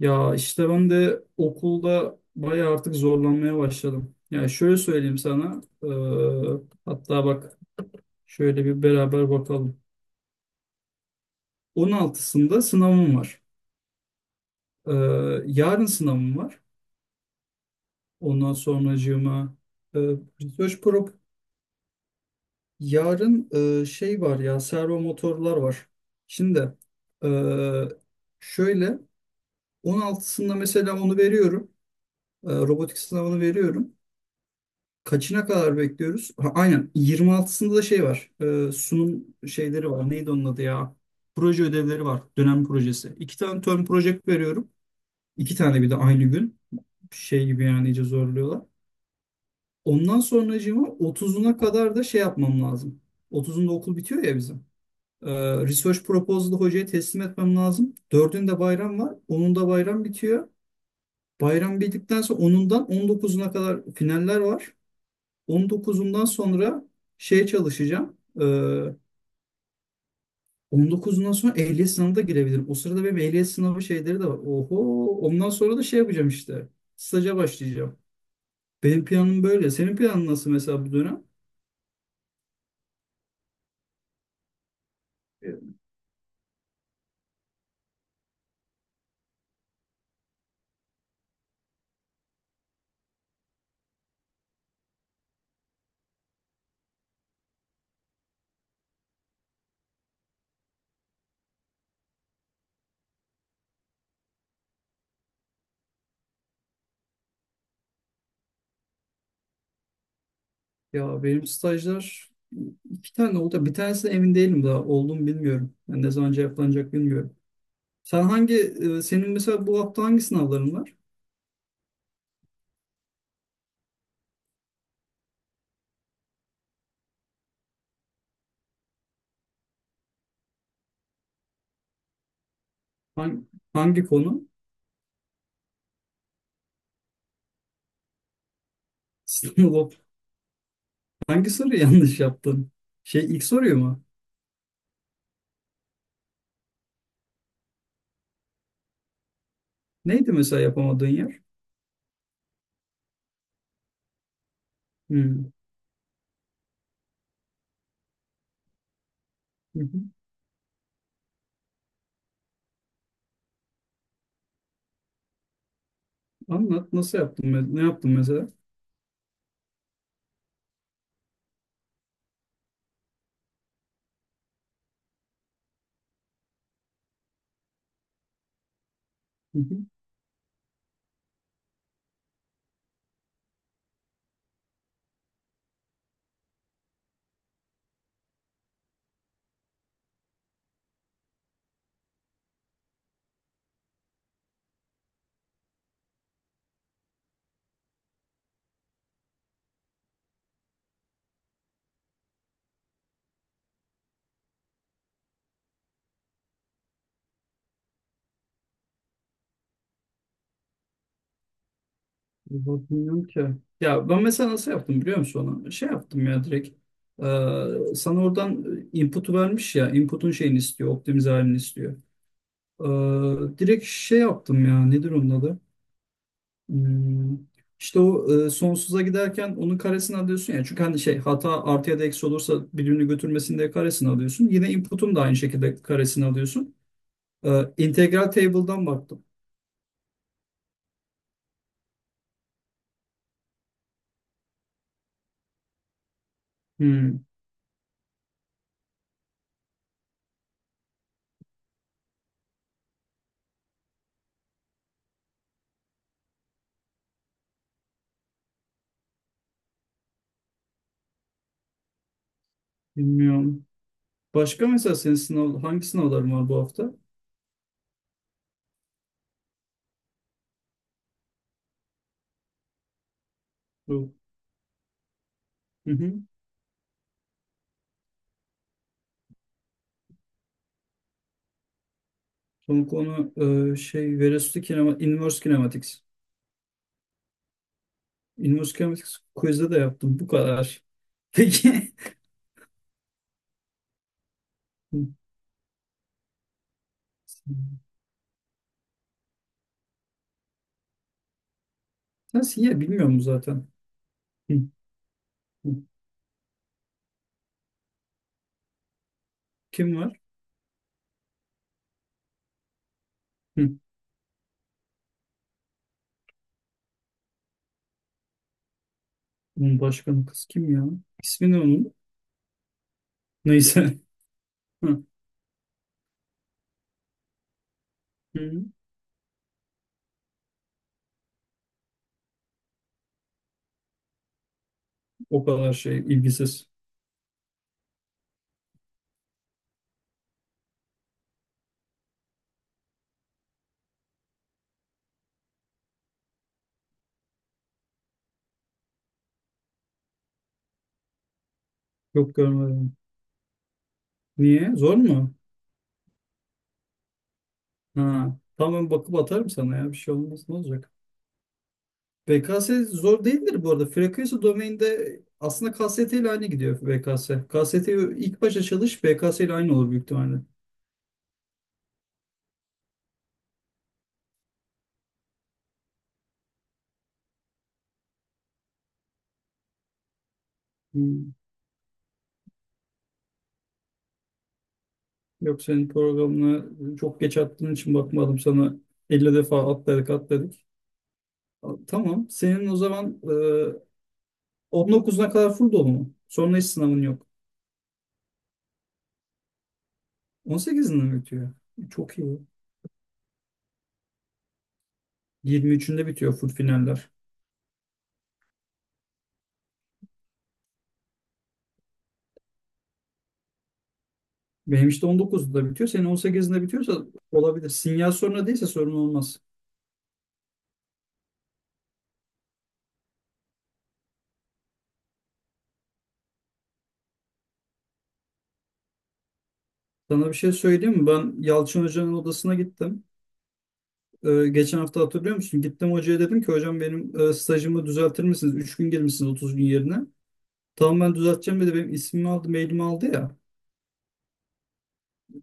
Ya işte ben de okulda bayağı artık zorlanmaya başladım. Yani şöyle söyleyeyim sana. Hatta bak şöyle bir beraber bakalım. 16'sında sınavım var. Yarın sınavım var. Ondan sonracığıma Research Prop. Yarın şey var ya servo motorlar var. Şimdi eee, şöyle 16'sında mesela onu veriyorum. Robotik sınavını veriyorum. Kaçına kadar bekliyoruz? Ha, aynen 26'sında da şey var. Sunum şeyleri var. Neydi onun adı ya? Proje ödevleri var. Dönem projesi. İki tane term project veriyorum. İki tane bir de aynı gün. Şey gibi yani iyice zorluyorlar. Ondan sonracığıma 30'una kadar da şey yapmam lazım. 30'unda okul bitiyor ya bizim. Ee, Research proposal'ı hocaya teslim etmem lazım. 4'ünde bayram var. Onun da bayram bitiyor. Bayram bittikten sonra 10'undan 19'una kadar finaller var. 19'undan sonra şeye çalışacağım. On dokuzundan sonra ehliyet sınavına da girebilirim. O sırada benim ehliyet sınavı şeyleri de var. Oho, ondan sonra da şey yapacağım işte. Staja başlayacağım. Benim planım böyle. Senin planın nasıl mesela bu dönem? Evet. Ya benim stajlar iki tane oldu. Bir tanesi de emin değilim daha. Oldu mu bilmiyorum. Yani ne zaman cevaplanacak bilmiyorum. Sen hangi, senin mesela bu hafta hangi sınavların var? Hangi, hangi konu? Sınav, hangi soruyu yanlış yaptın? Şey ilk soruyu mu? Neydi mesela yapamadığın yer? Hmm. Hı hı. Anlat nasıl yaptın? Ne yaptın mesela? Hı hı. Vallahi ki. Ya ben mesela nasıl yaptım biliyor musun onu? Şey yaptım ya direkt. Sana oradan input'u vermiş ya. Input'un şeyini istiyor. Optimize halini istiyor. Direkt şey yaptım ya. Nedir onun adı? Hmm. İşte o sonsuza giderken onun karesini alıyorsun ya. Çünkü hani şey hata artı ya da eksi olursa birbirini götürmesin diye karesini alıyorsun. Yine input'un da aynı şekilde karesini alıyorsun. İntegral table'dan baktım. Hmm, bilmiyorum. Başka mesela senin sınav, hangi sınavların var bu hafta? Bu. Hı hı. Son konu şey Veresu kinema, Inverse Kinematics. Inverse Kinematics quiz'de de yaptım. Bu kadar. Peki. Hı. Nasıl ya bilmiyorum zaten. Hı, hı. Kim var? Hı. Bunun başkanı kız kim ya? İsmi ne onun? Neyse. Hı, hı. O kadar şey ilgisiz. Yok görmedim. Niye? Zor mu? Ha, tamam bakıp atarım sana ya bir şey olmaz ne olacak. BKS zor değildir bu arada. Frekansı domainde aslında KST ile aynı gidiyor BKS. KST ilk başa çalış BKS ile aynı olur büyük ihtimalle. Hmm. Yok senin programına çok geç attığın için bakmadım sana 50 defa atladık atladık. A- Tamam senin o zaman 19'una kadar full dolu mu? Sonra hiç sınavın yok. 18'inde mi bitiyor? Çok iyi. 23'ünde bitiyor full finaller. Benim işte 19'da bitiyor. Senin 18'inde bitiyorsa olabilir. Sinyal sorunu değilse sorun olmaz. Sana bir şey söyleyeyim mi? Ben Yalçın Hoca'nın odasına gittim. Geçen hafta hatırlıyor musun? Gittim hocaya dedim ki hocam benim stajımı düzeltir misiniz? 3 gün girmişsiniz 30 gün yerine. Tamam ben düzelteceğim dedi. Benim ismimi aldı, mailimi aldı ya.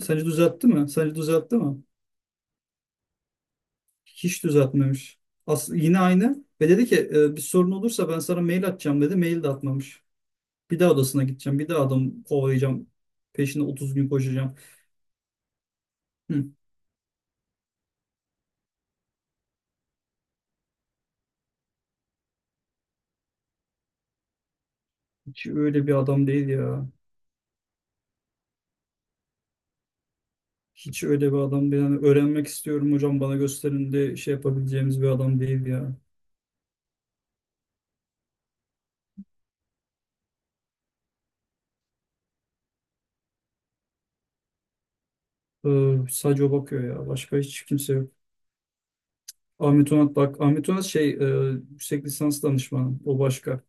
Sence düzeltti mi? Sence düzeltti mi? Hiç düzeltmemiş. As yine aynı. Ve dedi ki bir sorun olursa ben sana mail atacağım dedi. Mail de atmamış. Bir daha odasına gideceğim. Bir daha adam kovalayacağım. Peşine 30 gün koşacağım. Hı, hiç öyle bir adam değil ya. Hiç öyle bir adam değil. Yani öğrenmek istiyorum hocam bana gösterin de şey yapabileceğimiz bir adam değil ya. Sadece o bakıyor ya. Başka hiç kimse yok. Ahmet Onat bak. Ahmet Onat şey yüksek lisans danışmanı. O başka.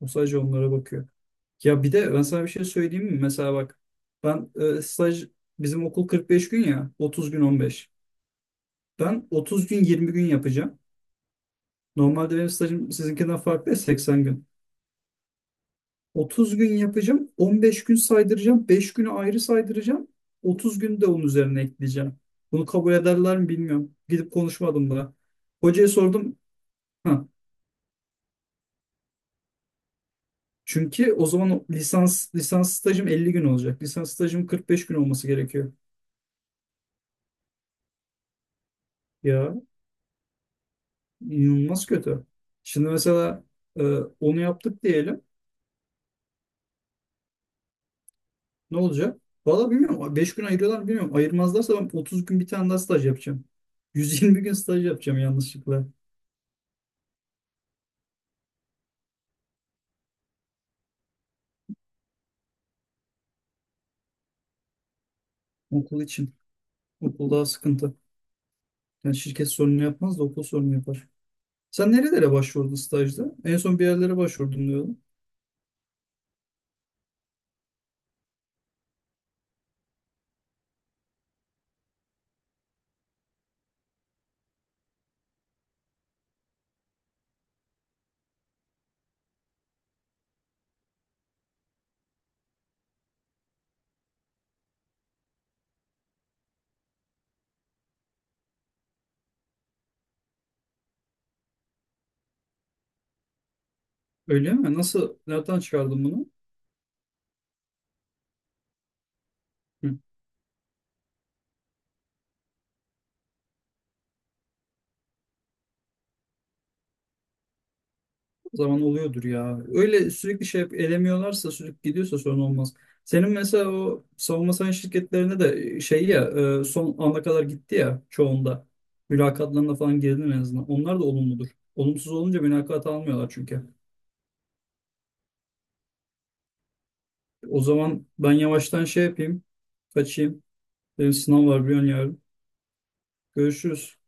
O sadece onlara bakıyor. Ya bir de ben sana bir şey söyleyeyim mi? Mesela bak ben staj bizim okul 45 gün ya. 30 gün 15. Ben 30 gün 20 gün yapacağım. Normalde benim stajım sizinkinden farklı ya, 80 gün. 30 gün yapacağım, 15 gün saydıracağım, 5 günü ayrı saydıracağım, 30 gün de onun üzerine ekleyeceğim. Bunu kabul ederler mi bilmiyorum. Gidip konuşmadım daha. Hocaya sordum. Ha, çünkü o zaman o lisans stajım 50 gün olacak. Lisans stajım 45 gün olması gerekiyor. Ya inanılmaz kötü. Şimdi mesela e, onu yaptık diyelim. Ne olacak? Valla bilmiyorum. 5 gün ayırıyorlar mı bilmiyorum. Ayırmazlarsa ben 30 gün bir tane daha staj yapacağım. 120 gün staj yapacağım yanlışlıkla. Okul için. Okul daha sıkıntı. Yani şirket sorunu yapmaz da okul sorunu yapar. Sen nerelere başvurdun stajda? En son bir yerlere başvurdum diyordun. Öyle mi? Nasıl? Nereden çıkardın bunu? Zaman oluyordur ya. Öyle sürekli şey elemiyorlarsa sürekli gidiyorsa sorun olmaz. Senin mesela o savunma sanayi şirketlerine de şey ya son ana kadar gitti ya çoğunda. Mülakatlarına falan girdin en azından. Onlar da olumludur. Olumsuz olunca mülakat almıyorlar çünkü. O zaman ben yavaştan şey yapayım. Kaçayım. Benim sınav var bir an yarın. Görüşürüz.